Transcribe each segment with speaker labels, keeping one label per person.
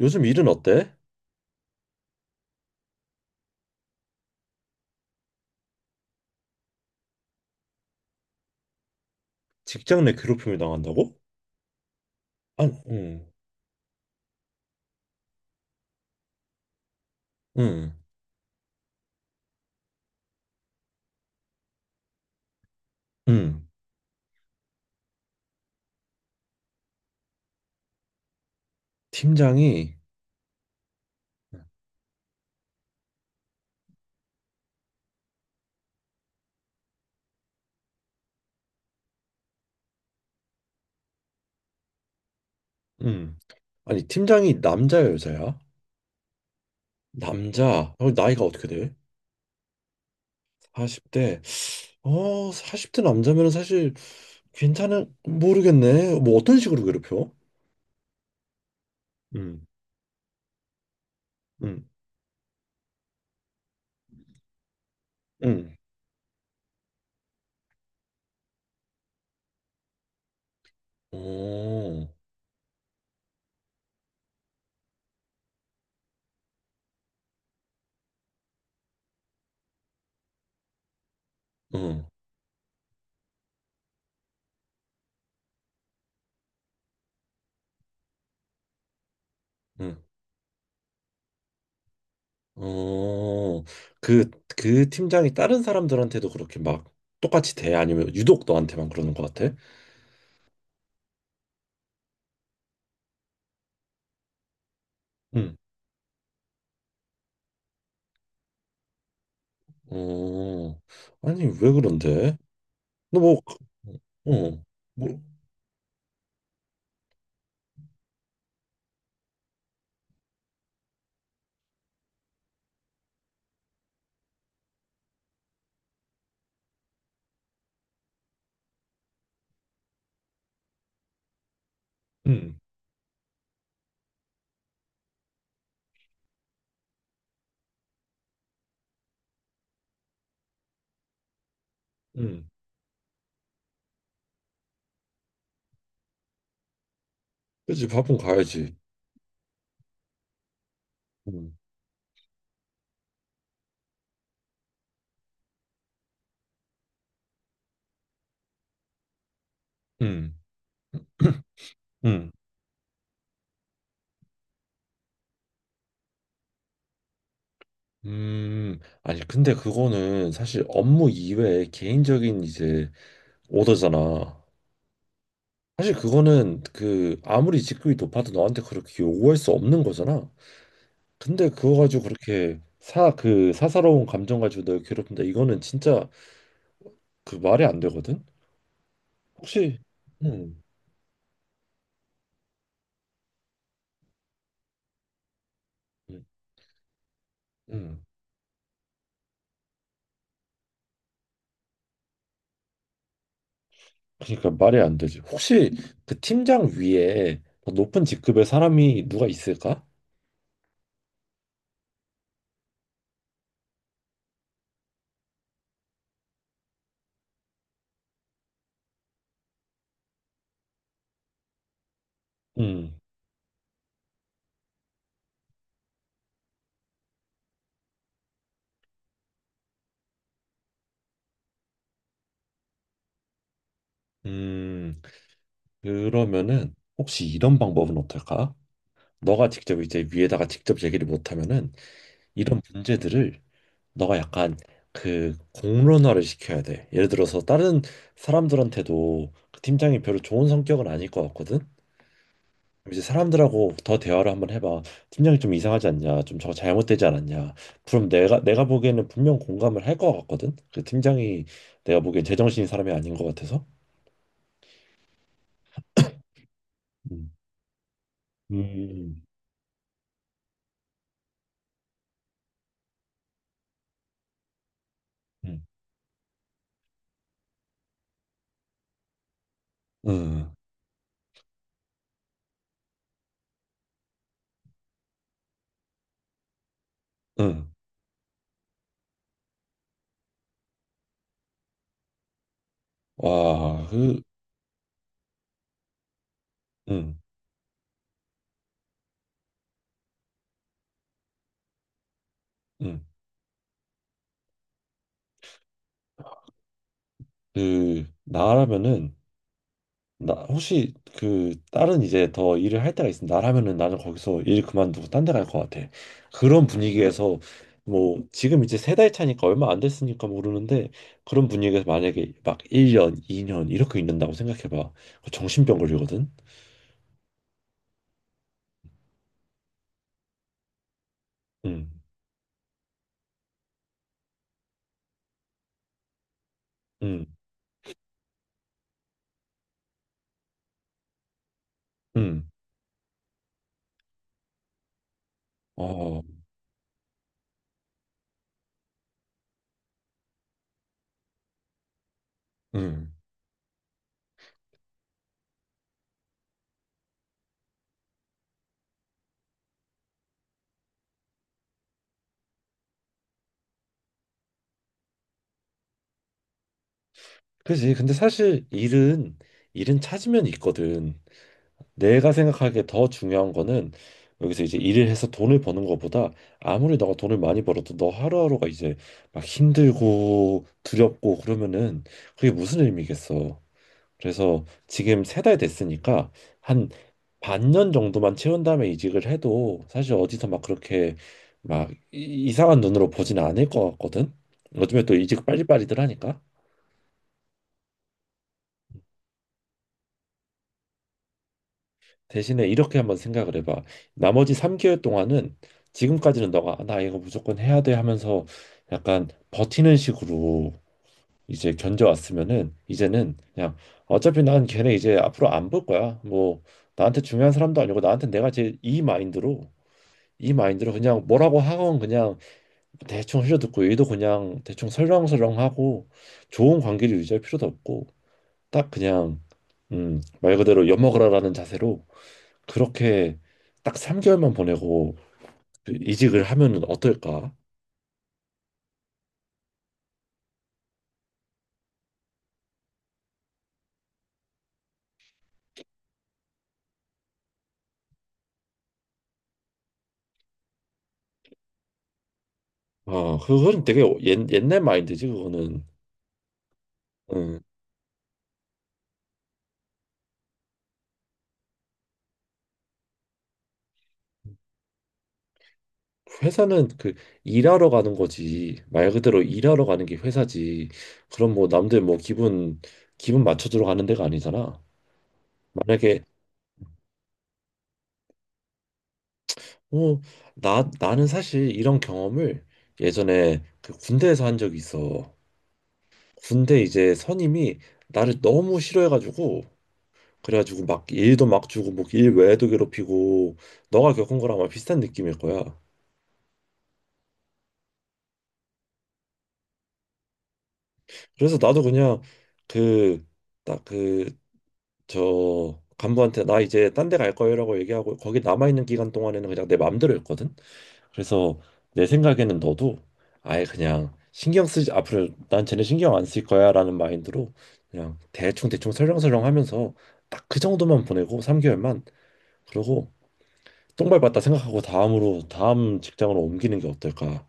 Speaker 1: 요즘 일은 어때? 직장 내 괴롭힘을 당한다고? 아니, 응, 응, 응. 팀장이, 응. 아니, 팀장이 남자야, 여자야? 남자. 나이가 어떻게 돼? 40대. 40대 남자면 사실 괜찮은, 모르겠네. 뭐 어떤 식으로 괴롭혀? 응, 응, 응. 오, 응, 응. 어, 그, 그 팀장이 다른 사람들한테도 그렇게 막 똑같이 돼? 아니면 유독 너한테만 그러는 것 같아? 응. 어, 아니, 왜 그런데? 너 뭐, 그, 어, 뭐, 응. 응. 그치, 밥은 가야지. 응. 응. 응. 아니, 근데 그거는 사실 업무 이외에 개인적인 이제 오더잖아. 사실 그거는 그 아무리 직급이 높아도 너한테 그렇게 요구할 수 없는 거잖아. 근데 그거 가지고 그렇게 그 사사로운 감정 가지고 널 괴롭힌다. 이거는 진짜 그 말이 안 되거든? 혹시, 응. 응. 응. 그러니까 말이 안 되지. 혹시 그 팀장 위에 더 높은 직급의 사람이 누가 있을까? 음. 음, 그러면은 혹시 이런 방법은 어떨까? 너가 직접 이제 위에다가 직접 얘기를 못하면은 이런 문제들을 너가 약간 그 공론화를 시켜야 돼. 예를 들어서 다른 사람들한테도 그 팀장이 별로 좋은 성격은 아닐 것 같거든. 이제 사람들하고 더 대화를 한번 해봐. 팀장이 좀 이상하지 않냐? 좀 저거 잘못되지 않았냐? 그럼 내가 보기에는 분명 공감을 할 것 같거든. 그 팀장이 내가 보기엔 제정신인 사람이 아닌 것 같아서. 음, 음, 음, 응, 응. 와, 그, 응, 응. 그 나라면은 나 혹시 그 다른 이제 더 일을 할 때가 있으면 나라면은 나는 거기서 일 그만두고 딴데 갈 것 같아. 그런 분위기에서 뭐 지금 이제 세 달 차니까 얼마 안 됐으니까 모르는데 그런 분위기에서 만약에 막 1년, 2년 이렇게 있는다고 생각해 봐. 정신병 걸리거든. 응. 응. 응. 어. 응. 그지. 근데 사실 일은 찾으면 있거든. 내가 생각하기에 더 중요한 거는 여기서 이제 일을 해서 돈을 버는 거보다 아무리 너가 돈을 많이 벌어도 너 하루하루가 이제 막 힘들고 두렵고 그러면은 그게 무슨 의미겠어. 그래서 지금 세 달 됐으니까 한 반년 정도만 채운 다음에 이직을 해도 사실 어디서 막 그렇게 막 이상한 눈으로 보진 않을 것 같거든. 요즘에 또 이직 빨리빨리들 하니까. 대신에 이렇게 한번 생각을 해봐. 나머지 3개월 동안은 지금까지는 너가 "아, 나 이거 무조건 해야 돼 하면서 약간 버티는 식으로 이제 견뎌왔으면은 이제는 그냥 어차피 난 걔네 이제 앞으로 안 볼 거야. 뭐 나한테 중요한 사람도 아니고 나한테 내가 제 이 마인드로 그냥 뭐라고 하건 그냥 대충 흘려듣고 얘도 그냥 대충 설렁설렁하고 좋은 관계를 유지할 필요도 없고 딱 그냥 말 그대로 엿먹으라라는 자세로 그렇게 딱 3개월만 보내고 그 이직을 하면은 어떨까? 아, 그거는 되게 옛날 마인드지 그거는. 응. 회사는 그 일하러 가는 거지. 말 그대로 일하러 가는 게 회사지. 그럼 뭐 남들 뭐 기분 맞춰주러 가는 데가 아니잖아. 만약에 어, 나 나는 사실 이런 경험을 예전에 그 군대에서 한 적이 있어. 군대 이제 선임이 나를 너무 싫어해가지고 그래가지고 막 일도 막 주고 뭐 일 외에도 괴롭히고 너가 겪은 거랑 아마 비슷한 느낌일 거야. 그래서 나도 그냥 그 딱 그 저 간부한테 나 이제 딴데 갈 거예요라고 얘기하고 거기 남아 있는 기간 동안에는 그냥 내 맘대로 했거든. 그래서 내 생각에는 너도 아예 그냥 신경 쓰지 앞으로 난 쟤네 신경 안 쓸 거야라는 마인드로 그냥 대충 대충 설렁설렁 하면서 딱 그 정도만 보내고 3개월만 그러고 똥밟았다 생각하고 다음 직장으로 옮기는 게 어떨까?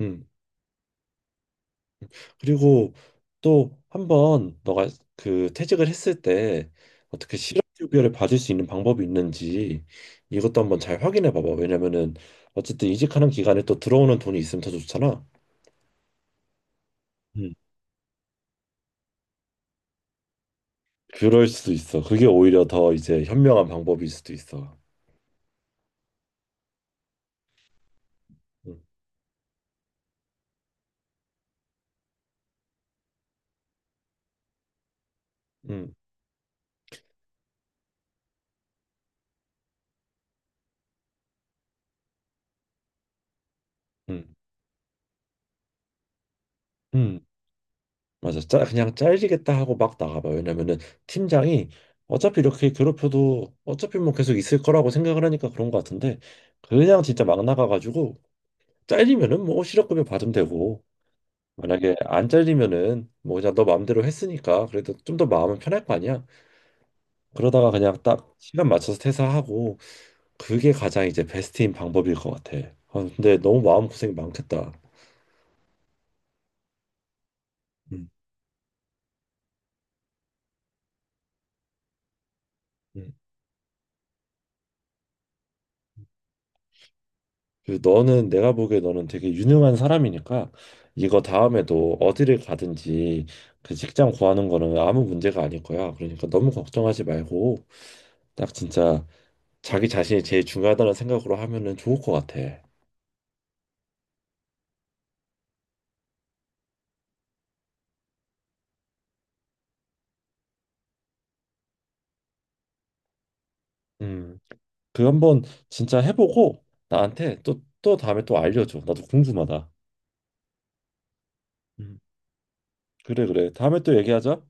Speaker 1: 음. 그리고 또 한 번 너가 그 퇴직을 했을 때 어떻게 실업급여를 받을 수 있는 방법이 있는지 이것도 한번 잘 확인해 봐봐. 왜냐면은 어쨌든 이직하는 기간에 또 들어오는 돈이 있으면 더 좋잖아. 음. 그럴 수도 있어. 그게 오히려 더 이제 현명한 방법일 수도 있어. 음. 음. 음. 음. 맞아. 그냥 잘리겠다 하고 막 나가봐. 왜냐면은 팀장이 어차피 이렇게 괴롭혀도 어차피 뭐 계속 있을 거라고 생각을 하니까 그런 것 같은데 그냥 진짜 막 나가가지고 잘리면은 뭐 실업급여 받으면 되고 만약에 안 잘리면은 뭐 그냥 너 마음대로 했으니까 그래도 좀 더 마음은 편할 거 아니야. 그러다가 그냥 딱 시간 맞춰서 퇴사하고 그게 가장 이제 베스트인 방법일 것 같아. 아, 근데 너무 마음고생이 많겠다. 음. 음. 그 너는 내가 보기에 너는 되게 유능한 사람이니까 이거 다음에도 어디를 가든지 그 직장 구하는 거는 아무 문제가 아닐 거야. 그러니까 너무 걱정하지 말고 딱 진짜 자기 자신이 제일 중요하다는 생각으로 하면은 좋을 것 같아. 음, 그 한번 진짜 해보고 나한테 또 다음에 또 알려줘. 나도 궁금하다. 음, 그래 그래. 다음에 또 얘기하자.